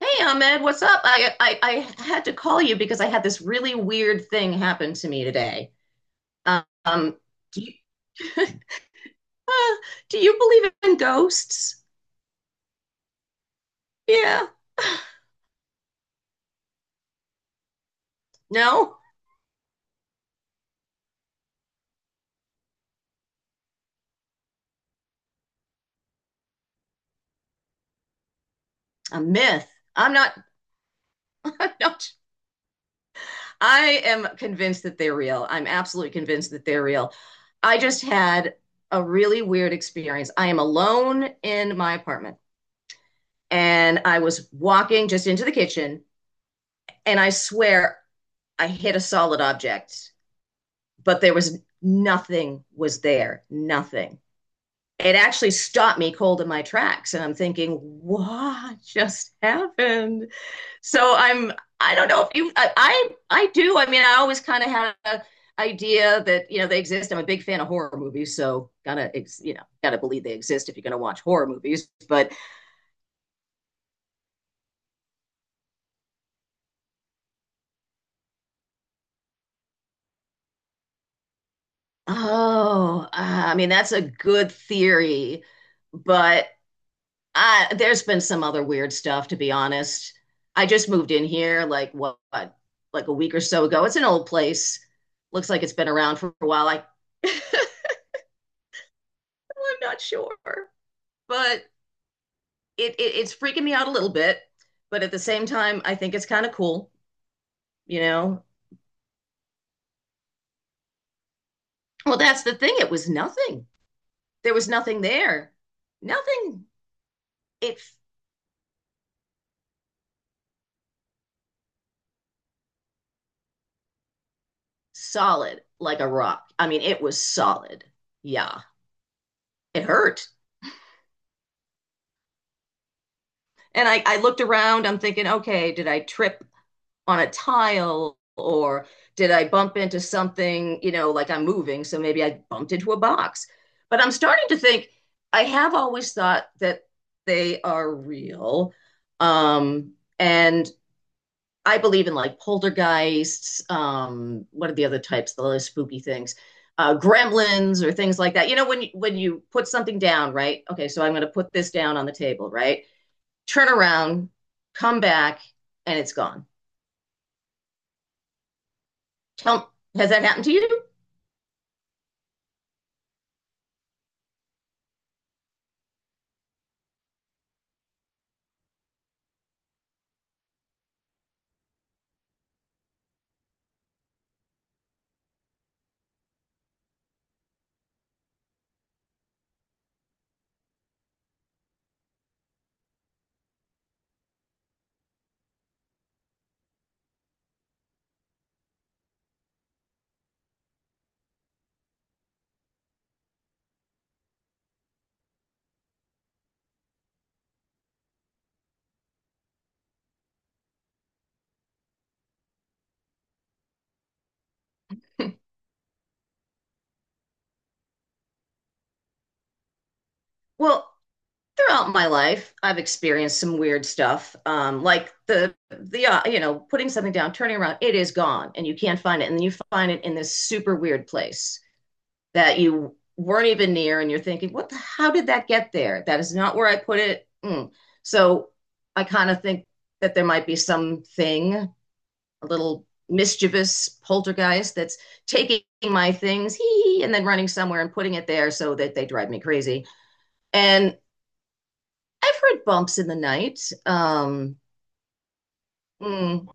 Hey, Ahmed, what's up? I had to call you because I had this really weird thing happen to me today. Um, do you, Uh, do you believe in ghosts? Yeah. No, a myth. I'm not, I'm not. I am convinced that they're real. I'm absolutely convinced that they're real. I just had a really weird experience. I am alone in my apartment, and I was walking just into the kitchen, and I swear I hit a solid object. But there was nothing was there, nothing. It actually stopped me cold in my tracks and I'm thinking, what just happened? So I'm I don't know if you. I do. I mean, I always kind of had an idea that they exist. I'm a big fan of horror movies, so gotta you know gotta believe they exist if you're gonna watch horror movies. But oh, I mean that's a good theory, but there's been some other weird stuff, to be honest. I just moved in here like what, like a week or so ago. It's an old place. Looks like it's been around for a while. I'm not sure, but it's freaking me out a little bit. But at the same time, I think it's kind of cool, you know? Well, that's the thing. It was nothing. There was nothing there. Nothing. It's solid like a rock. I mean, it was solid. Yeah. It hurt. And I looked around, I'm thinking, okay, did I trip on a tile or did I bump into something, you know, like I'm moving? So maybe I bumped into a box. But I'm starting to think, I have always thought that they are real. Um, and I believe in like poltergeists. What are the other types? The spooky things, gremlins or things like that. You know, when you put something down, right? Okay, so I'm going to put this down on the table, right? Turn around, come back, and it's gone. Tell, has that happened to you? Well, throughout my life, I've experienced some weird stuff, like the you know putting something down, turning around, it is gone, and you can't find it, and then you find it in this super weird place that you weren't even near and you're thinking how did that get there? That is not where I put it. Mm. So I kind of think that there might be something, a little mischievous poltergeist that's taking my things, hee, and then running somewhere and putting it there so that they drive me crazy. And I've heard bumps in the night. um mm,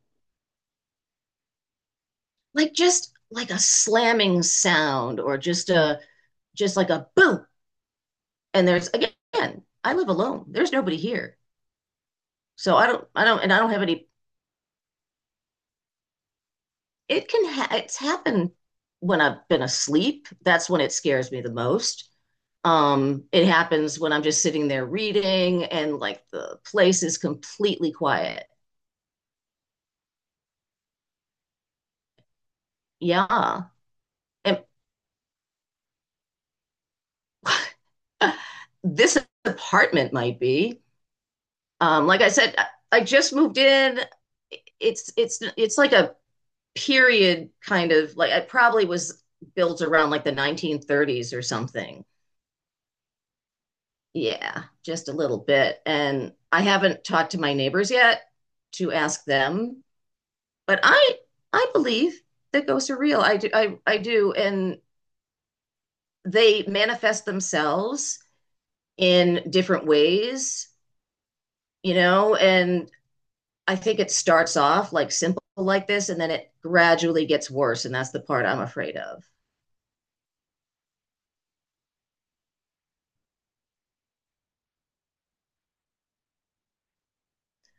like just like a slamming sound or just like a boom. And there's again, I live alone, there's nobody here. So I don't, and I don't have any, it's happened when I've been asleep. That's when it scares me the most. It happens when I'm just sitting there reading and like the place is completely quiet. Yeah. And this apartment might be, like I said, I just moved in. It's like a period kind of, like I probably was built around like the 1930s or something. Yeah, just a little bit. And I haven't talked to my neighbors yet to ask them, but I believe that ghosts are real. I do. I do, and they manifest themselves in different ways, you know, and I think it starts off like simple like this and then it gradually gets worse and that's the part I'm afraid of.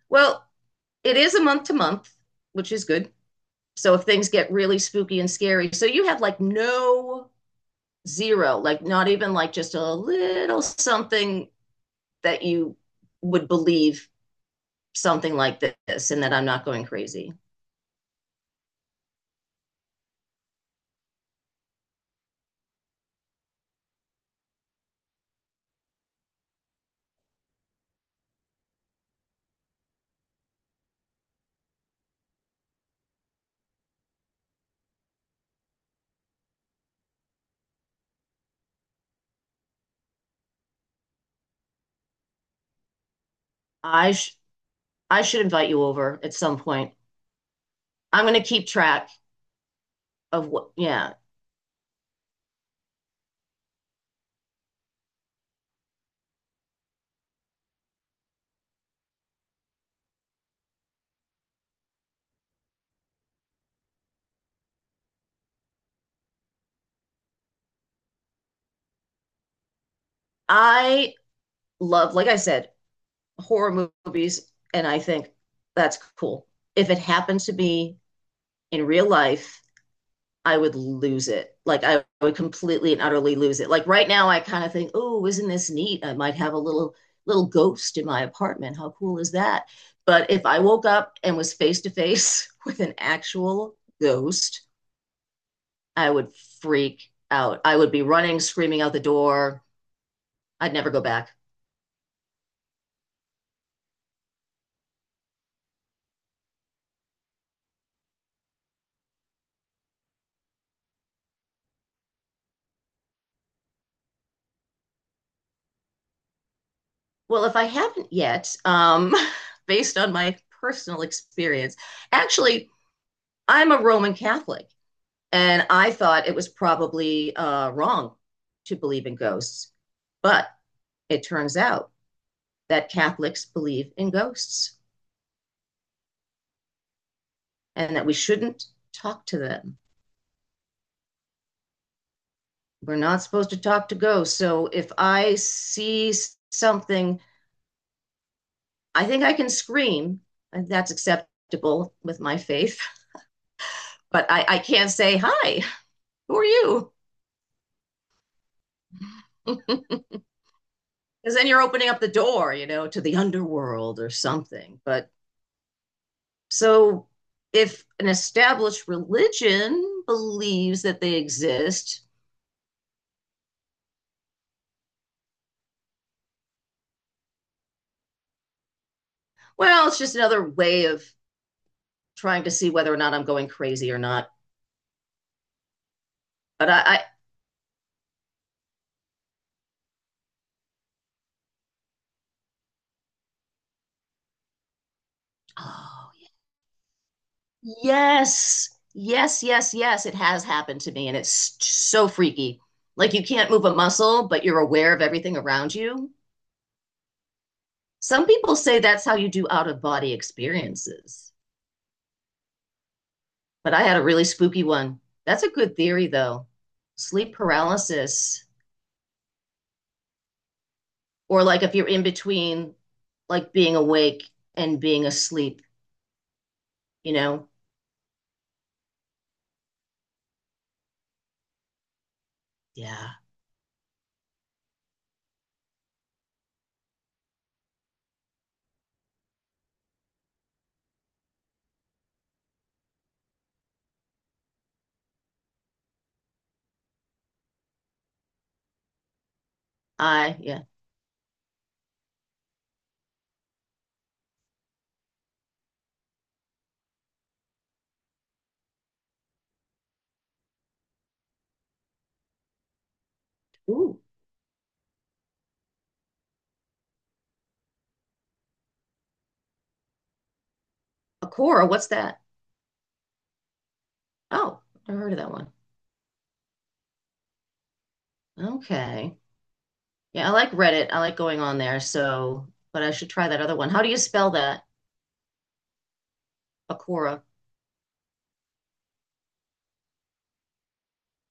Well, it is a month to month, which is good. So if things get really spooky and scary, so you have like no, zero, like not even like just a little something that you would believe something like this and that I'm not going crazy. I sh- I should invite you over at some point. I'm going to keep track of what. Yeah. I love, like I said, horror movies, and I think that's cool. If it happens to be in real life, I would lose it. Like I would completely and utterly lose it. Like right now, I kind of think, oh, isn't this neat? I might have a little little ghost in my apartment. How cool is that? But if I woke up and was face to face with an actual ghost, I would freak out. I would be running, screaming out the door. I'd never go back. Well, if I haven't yet, based on my personal experience, actually, I'm a Roman Catholic. And I thought it was probably wrong to believe in ghosts. But it turns out that Catholics believe in ghosts and that we shouldn't talk to them. We're not supposed to talk to ghosts. So if I see something, I think I can scream, and that's acceptable with my faith, but I can't say, Hi, who are you? Because then you're opening up the door, you know, to the underworld or something. But so if an established religion believes that they exist, well, it's just another way of trying to see whether or not I'm going crazy or not. But I oh, yes, yes, yes, yes, it has happened to me, and it's so freaky. Like you can't move a muscle, but you're aware of everything around you. Some people say that's how you do out of body experiences, but I had a really spooky one. That's a good theory, though. Sleep paralysis. Or like if you're in between like being awake and being asleep, you know? Yeah. I, yeah. Ooh, Akora, what's that? Oh, I heard of that one. Okay. Yeah, I like Reddit. I like going on there. So, but I should try that other one. How do you spell that? Akora.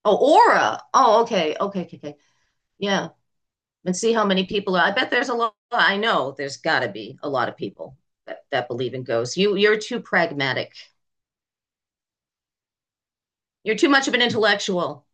Oh, Aura. Oh, okay. Okay. Okay. Okay. Yeah. And see how many people are. I bet there's a lot. I know there's got to be a lot of people that, that believe in ghosts. You, you're too pragmatic. You're too much of an intellectual.